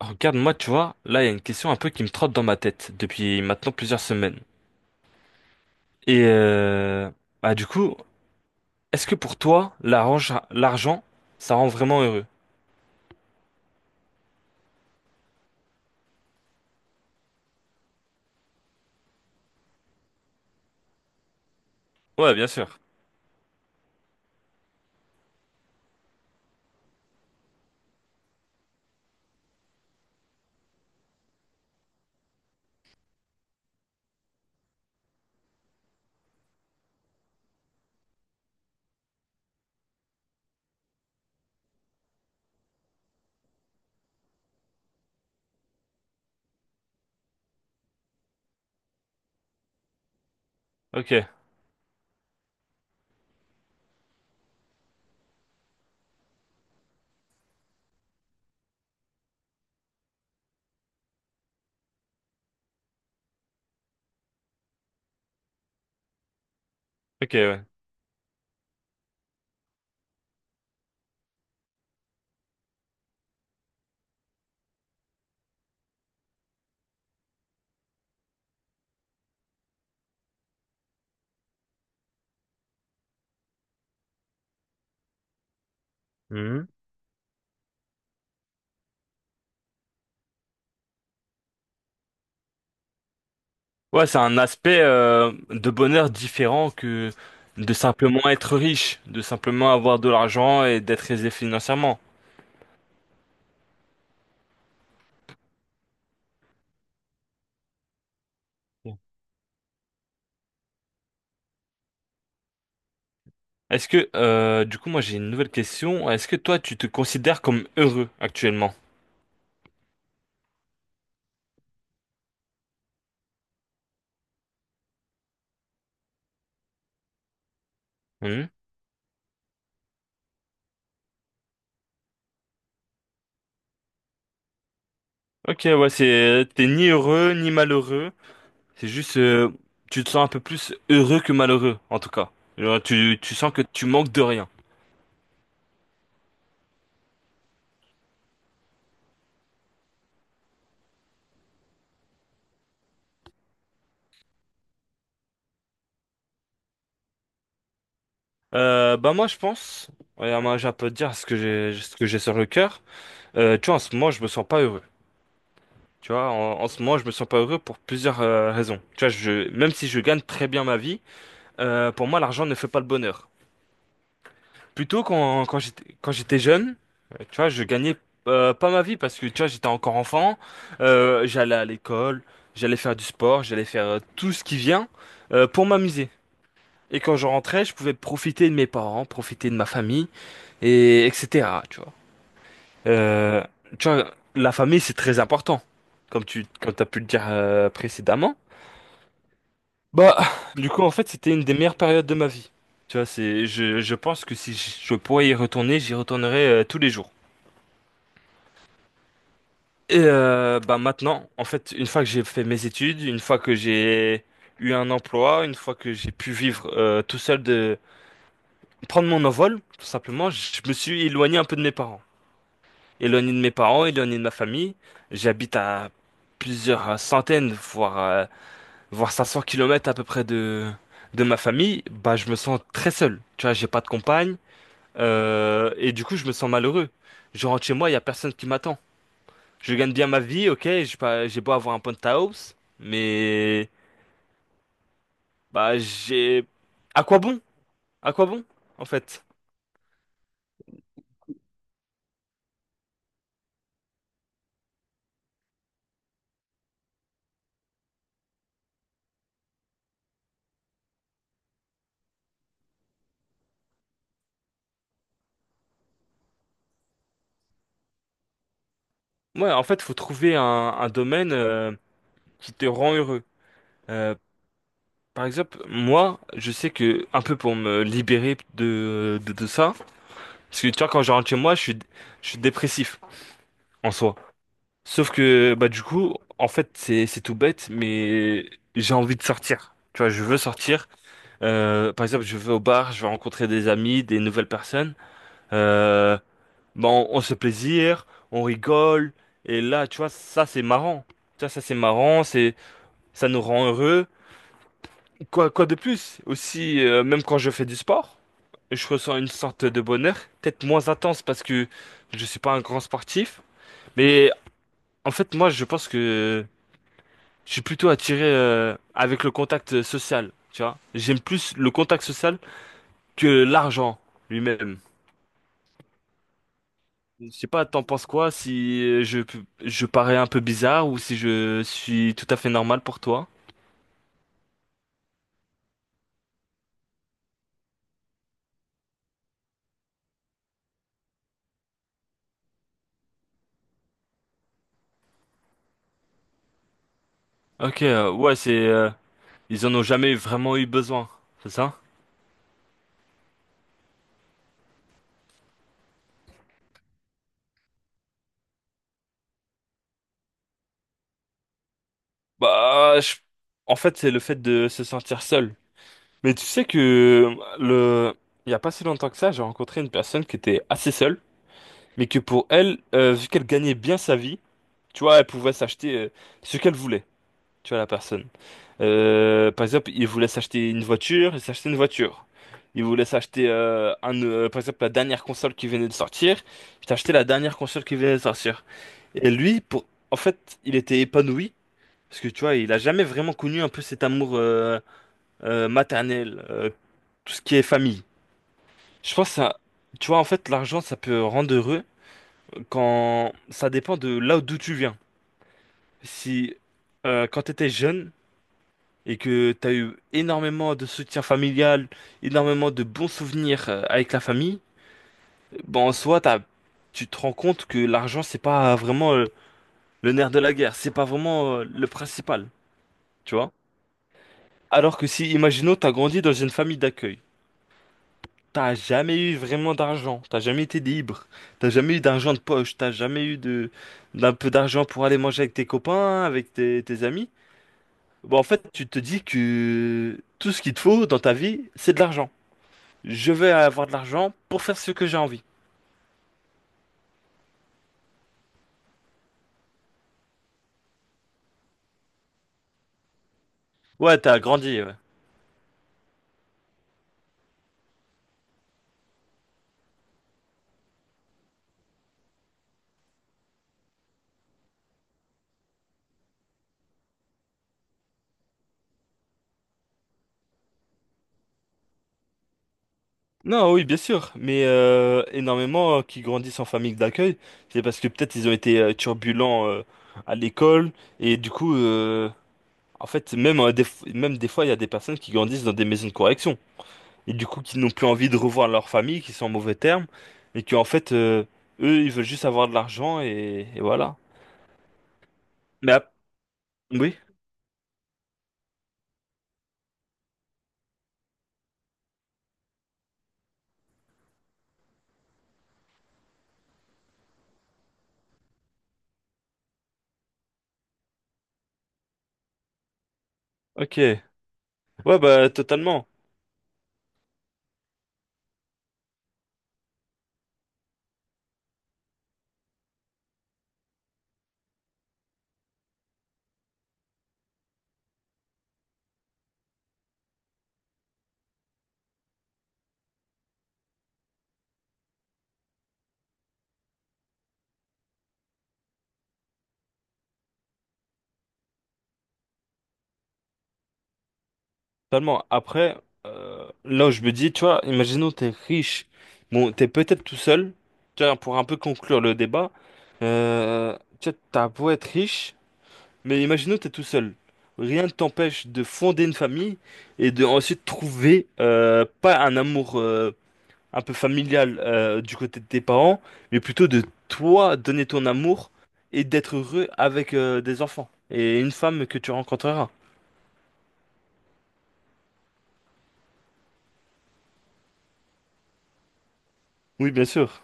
Regarde, moi, tu vois, là, il y a une question un peu qui me trotte dans ma tête depuis maintenant plusieurs semaines. Et euh, bah du coup, est-ce que pour toi, l'argent, ça rend vraiment heureux? Ouais, bien sûr. Ok, ok, ouais. Mhm. Ouais, c'est un aspect de bonheur différent que de simplement être riche, de simplement avoir de l'argent et d'être aisé financièrement. Bon. Est-ce que, du coup, moi, j'ai une nouvelle question. Est-ce que toi, tu te considères comme heureux actuellement? Mmh. Ok, ouais, c'est t'es ni heureux ni malheureux. C'est juste, tu te sens un peu plus heureux que malheureux, en tout cas. Genre, tu sens que tu manques de rien. Bah moi, je pense, ouais, moi, j'ai un peu de dire ce que j'ai sur le cœur. Tu vois, en ce moment, je me sens pas heureux. Tu vois, en ce moment, je me sens pas heureux pour plusieurs raisons. Tu vois, même si je gagne très bien ma vie, pour moi, l'argent ne fait pas le bonheur. Plutôt quand j'étais jeune, tu vois, je gagnais pas ma vie parce que tu vois, j'étais encore enfant, j'allais à l'école, j'allais faire du sport, j'allais faire tout ce qui vient pour m'amuser. Et quand je rentrais, je pouvais profiter de mes parents, profiter de ma famille et etc. Tu vois. Euh, tu vois, la famille c'est très important, comme t'as pu le dire précédemment. Bah, du coup, en fait, c'était une des meilleures périodes de ma vie. Tu vois, c'est je pense que si je pourrais y retourner, j'y retournerais tous les jours. Bah maintenant, en fait, une fois que j'ai fait mes études, une fois que j'ai eu un emploi, une fois que j'ai pu vivre tout seul de prendre mon envol, tout simplement, je me suis éloigné un peu de mes parents. Éloigné de mes parents, éloigné de ma famille. J'habite à plusieurs centaines, voire 500 kilomètres à peu près de ma famille. Bah je me sens très seul. Tu vois, j'ai pas de compagne et du coup, je me sens malheureux. Je rentre chez moi, il y a personne qui m'attend. Je gagne bien ma vie, ok, j'ai pas, j'ai beau avoir un penthouse, mais bah j'ai. À quoi bon? À quoi bon, en fait? Ouais, en fait, faut trouver un domaine qui te rend heureux. Euh, par exemple, moi, je sais que un peu pour me libérer de ça, parce que tu vois, quand je rentre chez moi, je suis dépressif en soi. Sauf que bah du coup, en fait, c'est tout bête, mais j'ai envie de sortir. Tu vois, je veux sortir. Par exemple, je vais au bar, je vais rencontrer des amis, des nouvelles personnes. Euh, bon, on se plaisir, on rigole. Et là, tu vois, ça, c'est marrant. C'est marrant, ça nous rend heureux. Quoi de plus? Aussi, même quand je fais du sport, je ressens une sorte de bonheur, peut-être moins intense parce que je suis pas un grand sportif. Mais en fait, moi, je pense que je suis plutôt attiré, avec le contact social, tu vois. J'aime plus le contact social que l'argent lui-même. Je sais pas, t'en penses quoi si je parais un peu bizarre ou si je suis tout à fait normal pour toi? Ok, ouais, c'est ils en ont jamais vraiment eu besoin, c'est ça? Bah, je- en fait, c'est le fait de se sentir seul. Mais tu sais que le il y a pas si longtemps que ça, j'ai rencontré une personne qui était assez seule, mais que pour elle, vu qu'elle gagnait bien sa vie, tu vois, elle pouvait s'acheter ce qu'elle voulait, tu vois, la personne. Par exemple, il voulait s'acheter une voiture, ils s'achètent une voiture. Il voulait s'acheter, par exemple, la dernière console qui venait de sortir. Il t'a acheté la dernière console qui venait de sortir. Et lui, pour, en fait, il était épanoui. Parce que tu vois, il a jamais vraiment connu un peu cet amour maternel, tout ce qui est famille. Je pense que ça, tu vois, en fait, l'argent, ça peut rendre heureux quand ça dépend de là d'où tu viens. Si quand tu étais jeune, et que t'as eu énormément de soutien familial, énormément de bons souvenirs avec la famille, bon, en soi, tu te rends compte que l'argent, c'est pas vraiment le nerf de la guerre, c'est pas vraiment le principal, tu vois? Alors que si, imaginons, t'as grandi dans une famille d'accueil, t'as jamais eu vraiment d'argent, t'as jamais été libre, t'as jamais eu d'argent de poche, t'as jamais eu de, d'un peu d'argent pour aller manger avec tes copains, avec tes amis, bon, en fait, tu te dis que tout ce qu'il te faut dans ta vie, c'est de l'argent. Je vais avoir de l'argent pour faire ce que j'ai envie. Ouais, t'as grandi, ouais. Non, oui, bien sûr, mais énormément qui grandissent en famille d'accueil, c'est parce que peut-être ils ont été turbulents à l'école et du coup, en fait, même même des fois, il y a des personnes qui grandissent dans des maisons de correction et du coup, qui n'ont plus envie de revoir leur famille, qui sont en mauvais termes et qui en fait, eux, ils veulent juste avoir de l'argent et voilà. Mais ap- oui, ok. Ouais, bah totalement. Totalement. Après, là où je me dis, tu vois, imaginons t'es riche, bon, t'es peut-être tout seul, tu vois, pour un peu conclure le débat, tu vois, t'as beau être riche, mais imaginons t'es tout seul. Rien ne t'empêche de fonder une famille et de ensuite trouver pas un amour un peu familial du côté de tes parents, mais plutôt de toi donner ton amour et d'être heureux avec des enfants et une femme que tu rencontreras. Oui, bien sûr.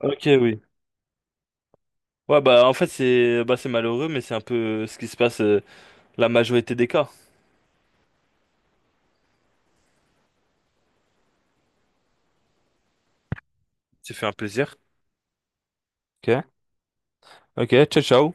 Ok, oui. Ouais, bah en fait, c'est bah, c'est malheureux, mais c'est un peu ce qui se passe la majorité des cas. C'est fait un plaisir. Ok, ok, ciao, ciao.